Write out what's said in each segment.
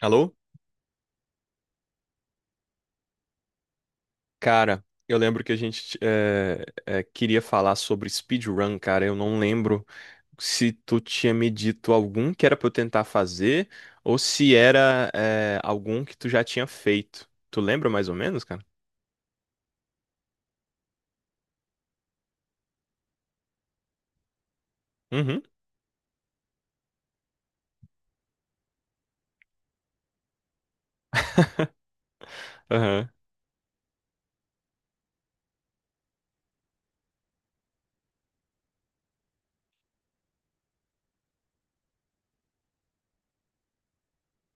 Alô? Cara, eu lembro que a gente queria falar sobre speedrun, cara. Eu não lembro se tu tinha me dito algum que era pra eu tentar fazer ou se era algum que tu já tinha feito. Tu lembra mais ou menos, cara? Uhum. Aham.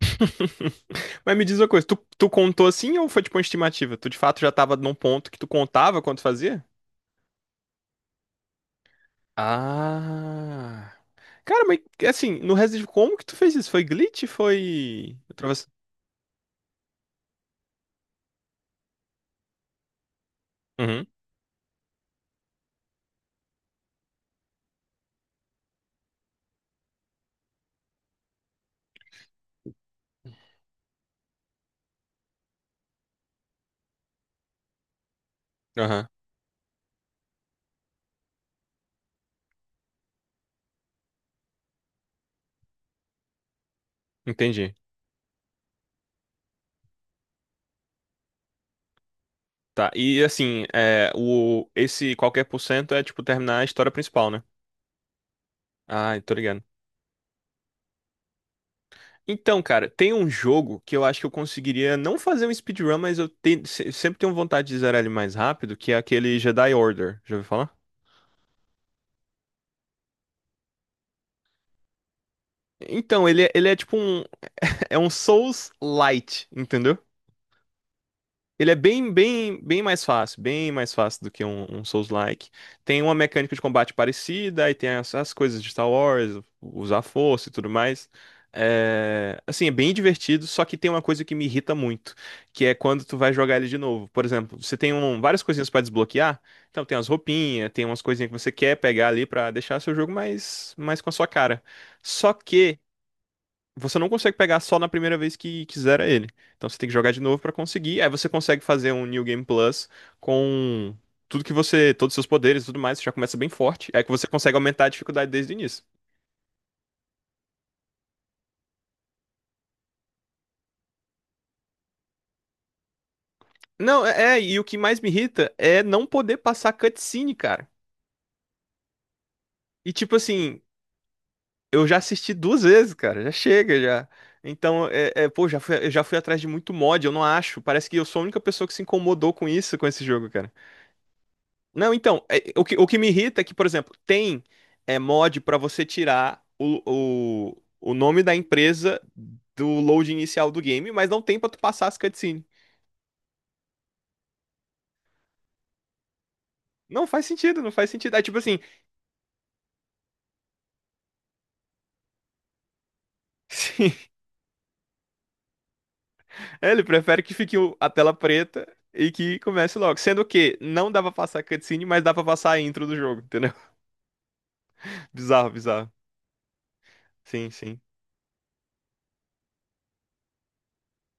Mas me diz uma coisa, tu contou assim ou foi tipo uma estimativa? Tu de fato já tava num ponto que tu contava quando fazia? Ah. Cara, mas assim, no Resident Evil, como que tu fez isso? Foi glitch? Foi. Atravessa... Aham, entendi. Tá, e assim, é, o, esse qualquer por cento é tipo terminar a história principal, né? Ah, tô ligado. Então, cara, tem um jogo que eu acho que eu conseguiria não fazer um speedrun, mas eu te- se- sempre tenho vontade de zerar ele mais rápido, que é aquele Jedi Order. Já ouviu falar? Então, ele é tipo um. É um Souls Lite, entendeu? Ele é bem, bem, bem mais fácil do que um Souls-like. Tem uma mecânica de combate parecida, aí tem as coisas de Star Wars, usar força e tudo mais. É, assim, é bem divertido, só que tem uma coisa que me irrita muito, que é quando tu vai jogar ele de novo. Por exemplo, várias coisinhas pra desbloquear, então tem as roupinhas, tem umas coisinhas que você quer pegar ali pra deixar seu jogo mais, mais com a sua cara. Só que você não consegue pegar só na primeira vez que quiser ele. Então você tem que jogar de novo pra conseguir. Aí você consegue fazer um New Game Plus com tudo que você, todos os seus poderes e tudo mais, você já começa bem forte. É que você consegue aumentar a dificuldade desde o início. Não, e o que mais me irrita é não poder passar cutscene, cara. E tipo assim, eu já assisti duas vezes, cara, já chega já. Então, pô, já fui, eu já fui atrás de muito mod, eu não acho. Parece que eu sou a única pessoa que se incomodou com isso, com esse jogo, cara. Não, então, é, o que me irrita é que, por exemplo, tem mod pra você tirar o nome da empresa do load inicial do game, mas não tem pra tu passar as cutscenes. Não faz sentido, não faz sentido. É tipo assim, sim, ele prefere que fique a tela preta e que comece logo. Sendo que não dá pra passar cutscene, mas dá pra passar a intro do jogo, entendeu? Bizarro, bizarro. Sim, sim.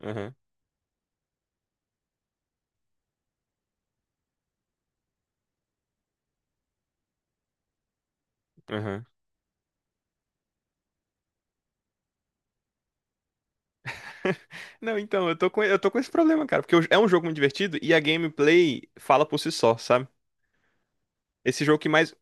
Aham, aham. Não, então, eu tô com esse problema, cara, porque é um jogo muito divertido e a gameplay fala por si só, sabe? Esse jogo que mais.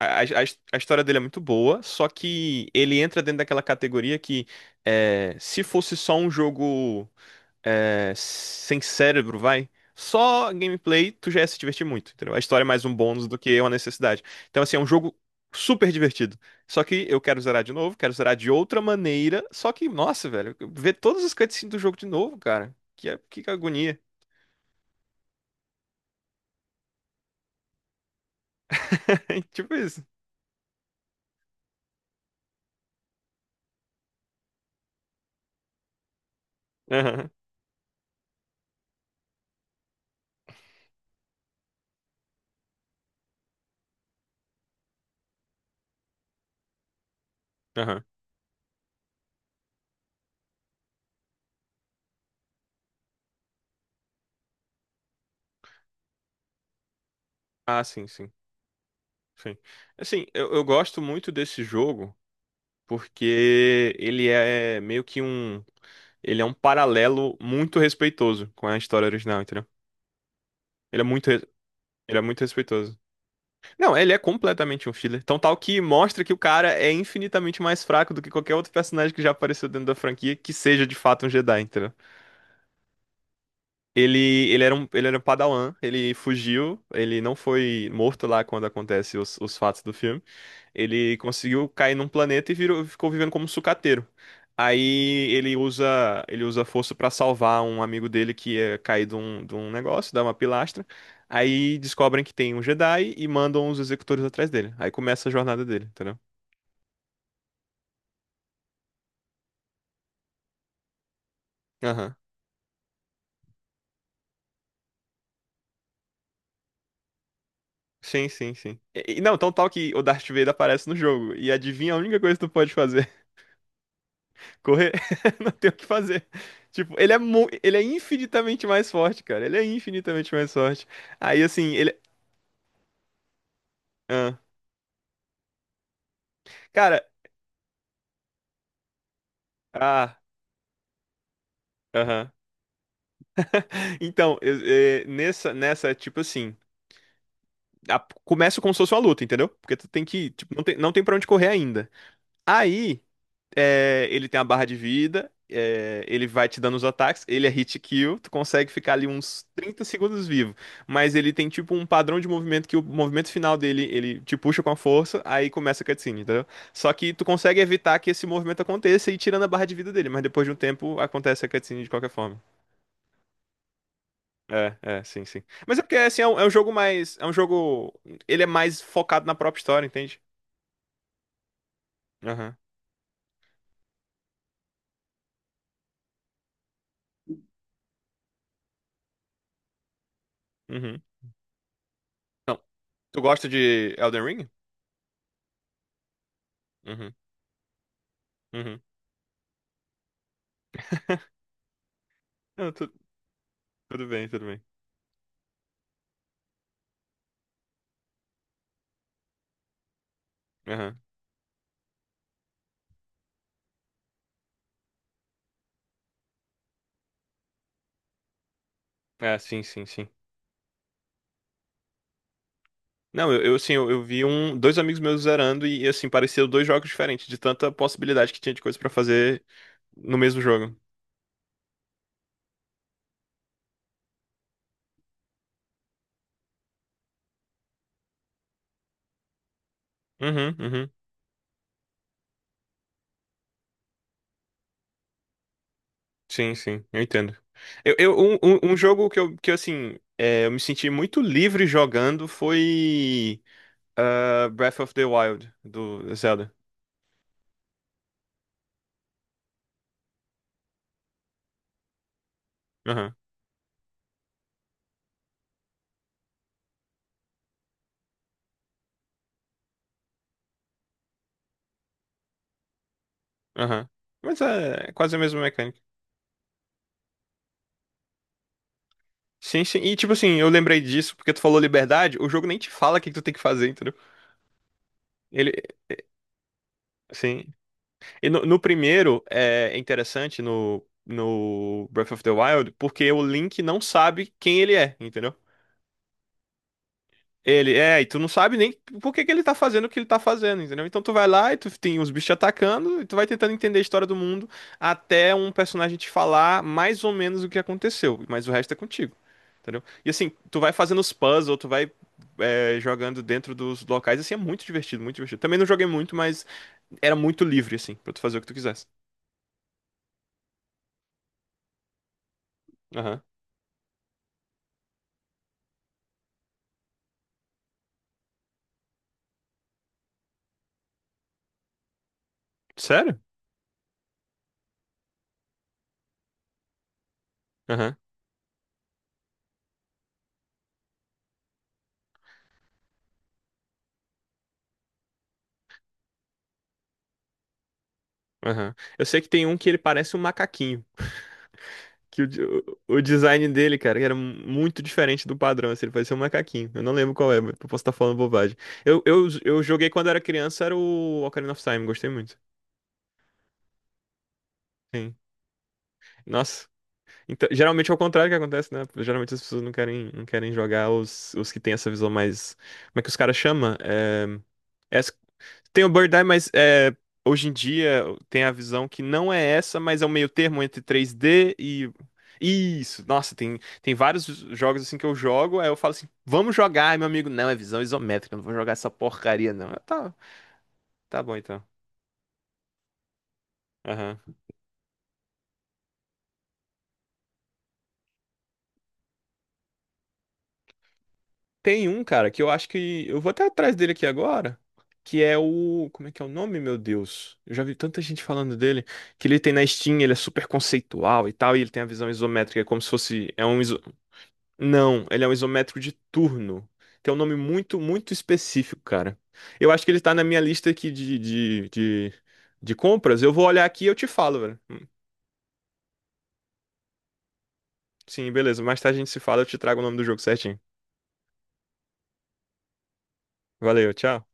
A, a, a história dele é muito boa, só que ele entra dentro daquela categoria que é, se fosse só um jogo é, sem cérebro, vai. Só gameplay, tu já ia se divertir muito, entendeu? A história é mais um bônus do que uma necessidade. Então, assim, é um jogo super divertido. Só que eu quero zerar de novo, quero zerar de outra maneira. Só que, nossa, velho, ver todos os cutscenes do jogo de novo, cara. Que agonia. Tipo isso. Aham, aham. Ah, sim, sim. Sim. Assim, eu gosto muito desse jogo porque ele é meio que um. Ele é um paralelo muito respeitoso com a história original, entendeu? Ele é muito, ele é muito respeitoso. Não, ele é completamente um filler. Tão tal que mostra que o cara é infinitamente mais fraco do que qualquer outro personagem que já apareceu dentro da franquia, que seja de fato um Jedi, entendeu? Ele era um Padawan, ele fugiu, ele não foi morto lá quando acontece os fatos do filme. Ele conseguiu cair num planeta e ficou vivendo como um sucateiro. Aí ele usa a força pra salvar um amigo dele que ia cair de de um negócio, dá uma pilastra. Aí descobrem que tem um Jedi e mandam os executores atrás dele. Aí começa a jornada dele, entendeu? Aham. Sim, sim, sim. E não, tão tal que o Darth Vader aparece no jogo. E adivinha a única coisa que tu pode fazer? Correr? Não tem o que fazer. Tipo, ele é infinitamente mais forte, cara. Ele é infinitamente mais forte. Aí, assim, ele. Ah. Cara, ah, aham. Então, tipo assim, começa como se fosse uma luta, entendeu? Porque tu tem que, tipo, não tem pra onde correr ainda. Aí, ele tem a barra de vida, ele vai te dando os ataques, ele é hit kill, tu consegue ficar ali uns 30 segundos vivo. Mas ele tem, tipo, um padrão de movimento que o movimento final dele, ele te puxa com a força, aí começa a cutscene, entendeu? Só que tu consegue evitar que esse movimento aconteça e ir tirando a barra de vida dele, mas depois de um tempo acontece a cutscene de qualquer forma. Sim, sim. Mas é porque, assim, é um jogo mais. É um jogo. Ele é mais focado na própria história, entende? Aham. Uhum. Não. Tu gosta de Elden Ring? Uhum. Uhum. Não, tudo bem, tudo bem. Aham. É, sim, sim, sim. Não, assim, eu vi um, dois amigos meus zerando e, assim, pareciam dois jogos diferentes, de tanta possibilidade que tinha de coisa pra fazer no mesmo jogo. Uhum, uhum. Sim, sim, eu entendo. Eu, um, um um jogo que eu, assim, é, eu me senti muito livre jogando foi. Ah, Breath of the Wild, do Zelda. Aham, aham. Mas é, é quase a mesma mecânica. Sim, sim. E tipo assim, eu lembrei disso porque tu falou liberdade, o jogo nem te fala o que que tu tem que fazer, entendeu? Ele, sim. E no primeiro, é interessante no Breath of the Wild, porque o Link não sabe quem ele é, entendeu? Ele, é, e tu não sabe nem por que que ele tá fazendo o que ele tá fazendo, entendeu? Então tu vai lá e tu tem os bichos te atacando e tu vai tentando entender a história do mundo até um personagem te falar mais ou menos o que aconteceu, mas o resto é contigo, entendeu? E assim, tu vai fazendo os puzzles, tu vai jogando dentro dos locais, assim, é muito divertido, muito divertido. Também não joguei muito, mas era muito livre, assim, pra tu fazer o que tu quisesse. Aham. Sério? Aham, aham. Eu sei que tem um que ele parece um macaquinho. Que o, o design dele, cara, era muito diferente do padrão, assim, ele parecia um macaquinho. Eu não lembro qual é, mas eu posso estar falando bobagem. Eu joguei quando era criança, era o Ocarina of Time, gostei muito. Sim. Nossa. Então, geralmente é o contrário que acontece, né? Geralmente as pessoas não querem, não querem jogar os que têm essa visão mais. Como é que os caras chamam? É... Tem o Bird Eye, mas é, hoje em dia tem a visão que não é essa, mas é um meio termo entre 3D e. Isso, nossa, tem, tem vários jogos assim que eu jogo, aí eu falo assim, vamos jogar, aí meu amigo, não, é visão isométrica, não vou jogar essa porcaria, não. Eu, tá, tá bom então. Aham. Tem um, cara, que eu acho que. Eu vou até atrás dele aqui agora. Que é o. Como é que é o nome, meu Deus? Eu já vi tanta gente falando dele. Que ele tem na Steam, ele é super conceitual e tal. E ele tem a visão isométrica, é como se fosse. É um, não, ele é um isométrico de turno. Tem um nome muito, muito específico, cara. Eu acho que ele tá na minha lista aqui de compras. Eu vou olhar aqui e eu te falo, velho. Sim, beleza. Mais tarde a gente se fala, eu te trago o nome do jogo certinho. Valeu, tchau.